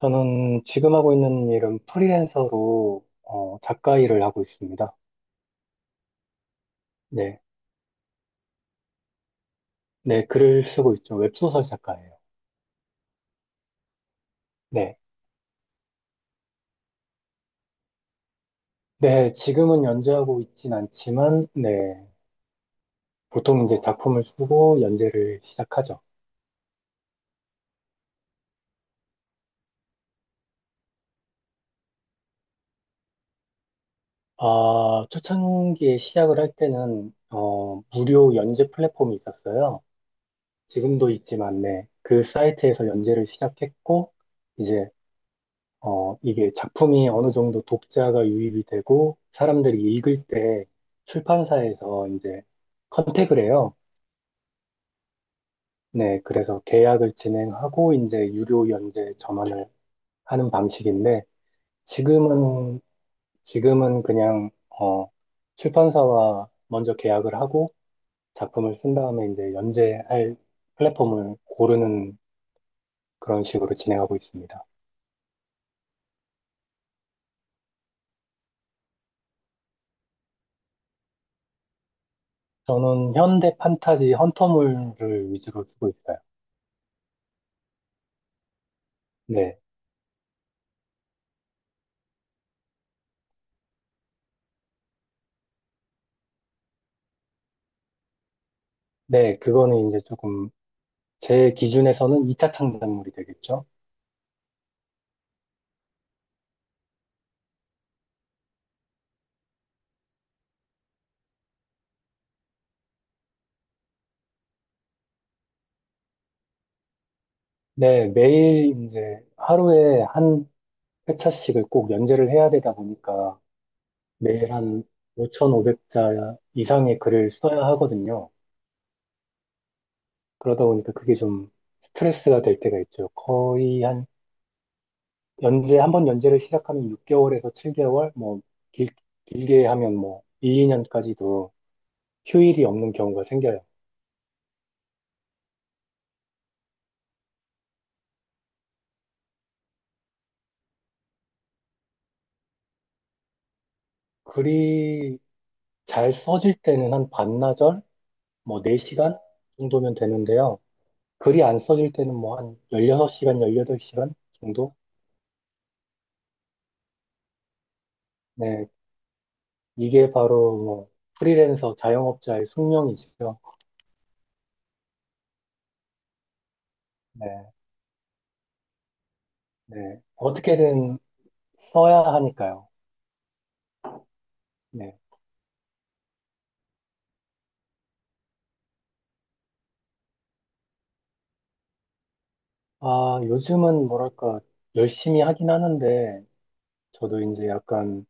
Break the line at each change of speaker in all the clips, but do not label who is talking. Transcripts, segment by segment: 저는 지금 하고 있는 일은 프리랜서로 작가 일을 하고 있습니다. 네. 네, 글을 쓰고 있죠. 웹소설 작가예요. 네. 네, 지금은 연재하고 있진 않지만, 네. 보통 이제 작품을 쓰고 연재를 시작하죠. 아, 초창기에 시작을 할 때는, 무료 연재 플랫폼이 있었어요. 지금도 있지만, 네. 그 사이트에서 연재를 시작했고, 이제 이게 작품이 어느 정도 독자가 유입이 되고 사람들이 읽을 때 출판사에서 이제 컨택을 해요. 네, 그래서 계약을 진행하고 이제 유료 연재 전환을 하는 방식인데 지금은 지금은 그냥 출판사와 먼저 계약을 하고 작품을 쓴 다음에 이제 연재할 플랫폼을 고르는 그런 식으로 진행하고 있습니다. 저는 현대 판타지 헌터물을 위주로 쓰고 있어요. 네. 네, 그거는 이제 조금 제 기준에서는 2차 창작물이 되겠죠. 네, 매일 이제 하루에 한 회차씩을 꼭 연재를 해야 되다 보니까 매일 한 5,500자 이상의 글을 써야 하거든요. 그러다 보니까 그게 좀 스트레스가 될 때가 있죠. 거의 한 연재, 한 번 연재를 시작하면 6개월에서 7개월, 뭐 길, 길게 하면 뭐일 2년까지도 휴일이 없는 경우가 생겨요. 글이 잘 써질 때는 한 반나절? 뭐 4시간 정도면 되는데요. 글이 안 써질 때는 뭐 한 16시간, 18시간 정도? 네, 이게 바로 뭐 프리랜서 자영업자의 숙명이죠. 네, 네. 어떻게든 써야 하니까요. 네. 아, 요즘은 뭐랄까, 열심히 하긴 하는데, 저도 이제 약간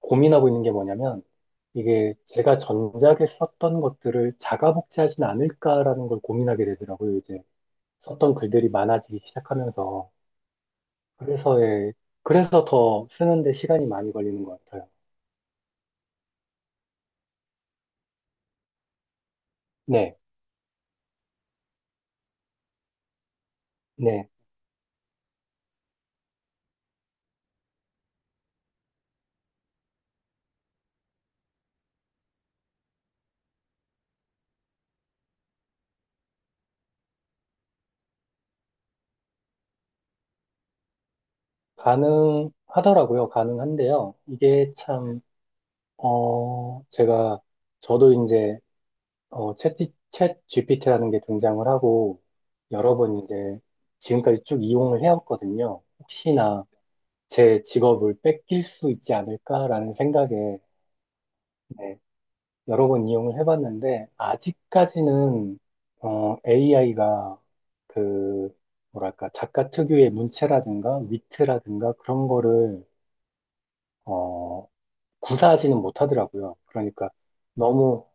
고민하고 있는 게 뭐냐면, 이게 제가 전작에 썼던 것들을 자가 복제하진 않을까라는 걸 고민하게 되더라고요, 이제. 썼던 글들이 많아지기 시작하면서. 그래서, 예, 그래서 더 쓰는데 시간이 많이 걸리는 것 같아요. 네, 네. 가능하더라고요. 가능한데요. 이게 참, 어, 제가, 저도 이제, 챗 GPT라는 게 등장을 하고, 여러 번 이제, 지금까지 쭉 이용을 해왔거든요. 혹시나 제 직업을 뺏길 수 있지 않을까라는 생각에, 네, 여러 번 이용을 해봤는데, 아직까지는, AI가 그, 뭐랄까, 작가 특유의 문체라든가 위트라든가 그런 거를, 어, 구사하지는 못하더라고요. 그러니까 너무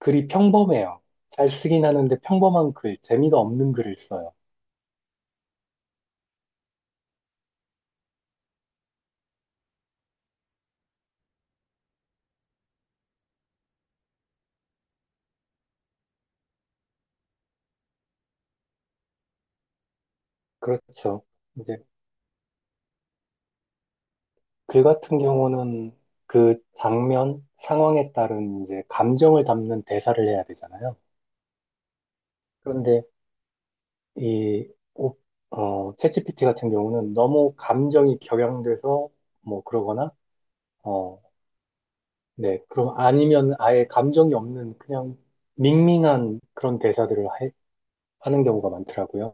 글이 평범해요. 잘 쓰긴 하는데 평범한 글, 재미가 없는 글을 써요. 그렇죠. 이제 글 같은 경우는 그 장면, 상황에 따른 이제 감정을 담는 대사를 해야 되잖아요. 그런데 이, 오- 챗GPT 같은 경우는 너무 감정이 격양돼서 뭐 그러거나, 어, 네, 그럼 아니면 아예 감정이 없는 그냥 밍밍한 그런 대사들을 하는 경우가 많더라고요.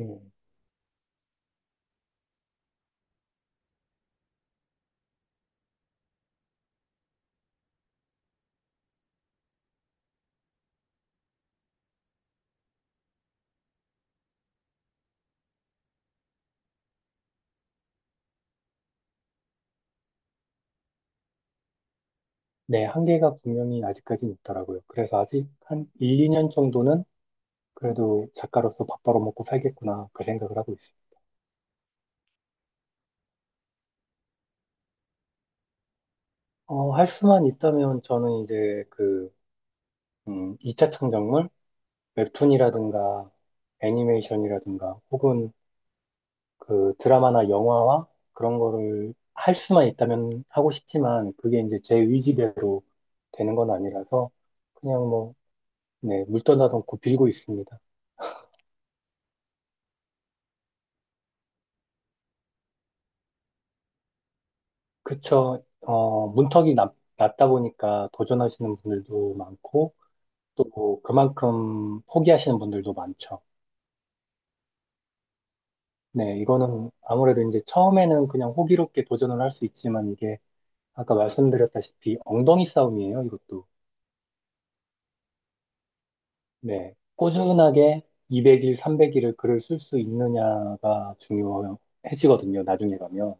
음, 네, 한계가 분명히 아직까지는 있더라고요. 그래서 아직 한 1, 2년 정도는 그래도 작가로서 밥 벌어먹고 살겠구나, 그 생각을 하고 있어요. 할 수만 있다면 저는 이제 그, 2차 창작물? 웹툰이라든가 애니메이션이라든가 혹은 그 드라마나 영화와 그런 거를 할 수만 있다면 하고 싶지만 그게 이제 제 의지대로 되는 건 아니라서 그냥 뭐, 네, 물떠나서 굽히고 있습니다. 그쵸. 문턱이 낮다 보니까 도전하시는 분들도 많고 또 그만큼 포기하시는 분들도 많죠. 네, 이거는 아무래도 이제 처음에는 그냥 호기롭게 도전을 할 수 있지만 이게 아까 말씀드렸다시피 엉덩이 싸움이에요, 이것도. 네. 꾸준하게 200일, 300일을 글을 쓸 수 있느냐가 중요해지거든요, 나중에 가면.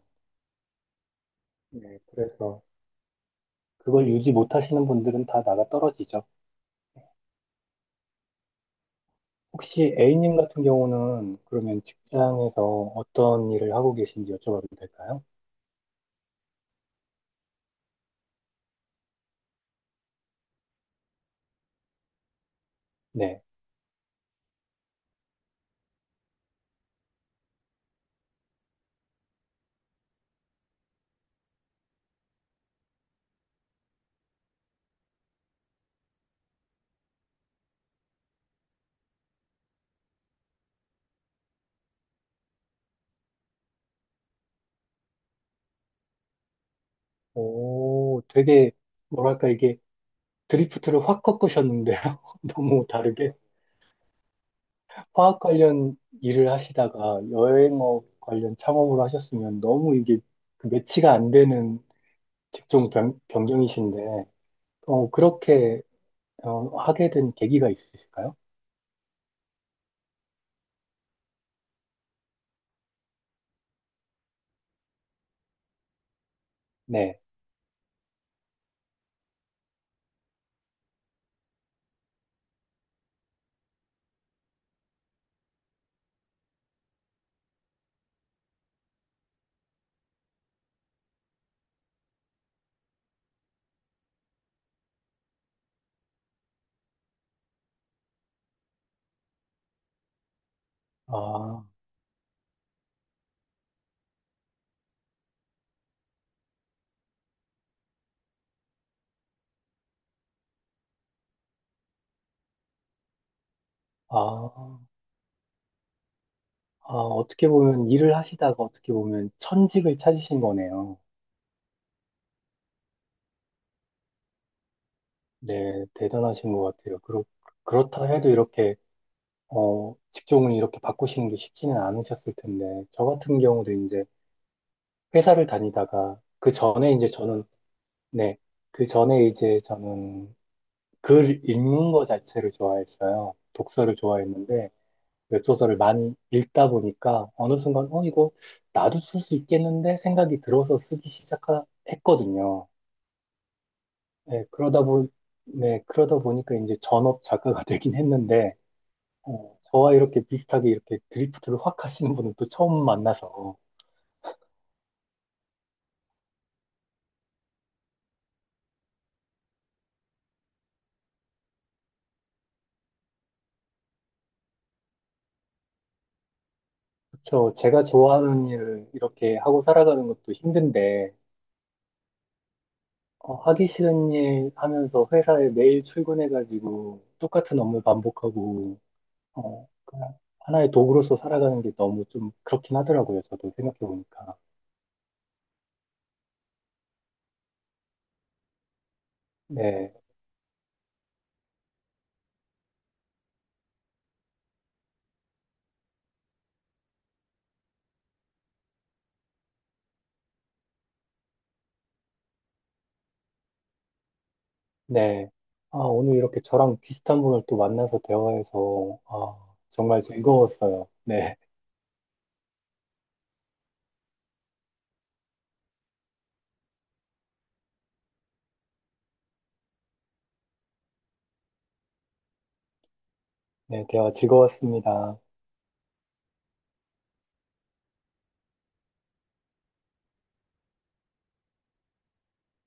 네. 그래서 그걸 유지 못하시는 분들은 다 나가 떨어지죠. 혹시 A님 같은 경우는 그러면 직장에서 어떤 일을 하고 계신지 여쭤봐도 될까요? 네. 오, 되게, 뭐랄까, 이게 드리프트를 확 꺾으셨는데요. 너무 다르게. 화학 관련 일을 하시다가 여행업 관련 창업을 하셨으면 너무 이게 그 매치가 안 되는 직종 변경이신데, 그렇게 하게 된 계기가 있으실까요? 네. 아, 아, 아, 어떻게 보면 일을 하시다가 어떻게 보면 천직을 찾으신 거네요. 네, 대단하신 것 같아요. 그렇다 해도 이렇게, 직종을 이렇게 바꾸시는 게 쉽지는 않으셨을 텐데, 저 같은 경우도 이제 회사를 다니다가, 그 전에 이제 저는 네. 그 전에 이제 저는 글 읽는 거 자체를 좋아했어요. 독서를 좋아했는데, 웹소설을 많이 읽다 보니까 어느 순간, 이거 나도 쓸 수 있겠는데 생각이 들어서 쓰기 시작했거든요. 네, 네, 그러다 보니까 이제 전업 작가가 되긴 했는데, 저와 이렇게 비슷하게 이렇게 드리프트를 확 하시는 분은 또 처음 만나서, 그쵸. 제가 좋아하는 일을 이렇게 하고 살아가는 것도 힘든데, 하기 싫은 일 하면서 회사에 매일 출근해가지고 똑같은 업무 반복하고, 그냥 하나의 도구로서 살아가는 게 너무 좀 그렇긴 하더라고요. 저도 생각해보니까. 네, 네. 아, 오늘 이렇게 저랑 비슷한 분을 또 만나서 대화해서, 아, 정말 즐거웠어요. 네, 네, 대화 즐거웠습니다.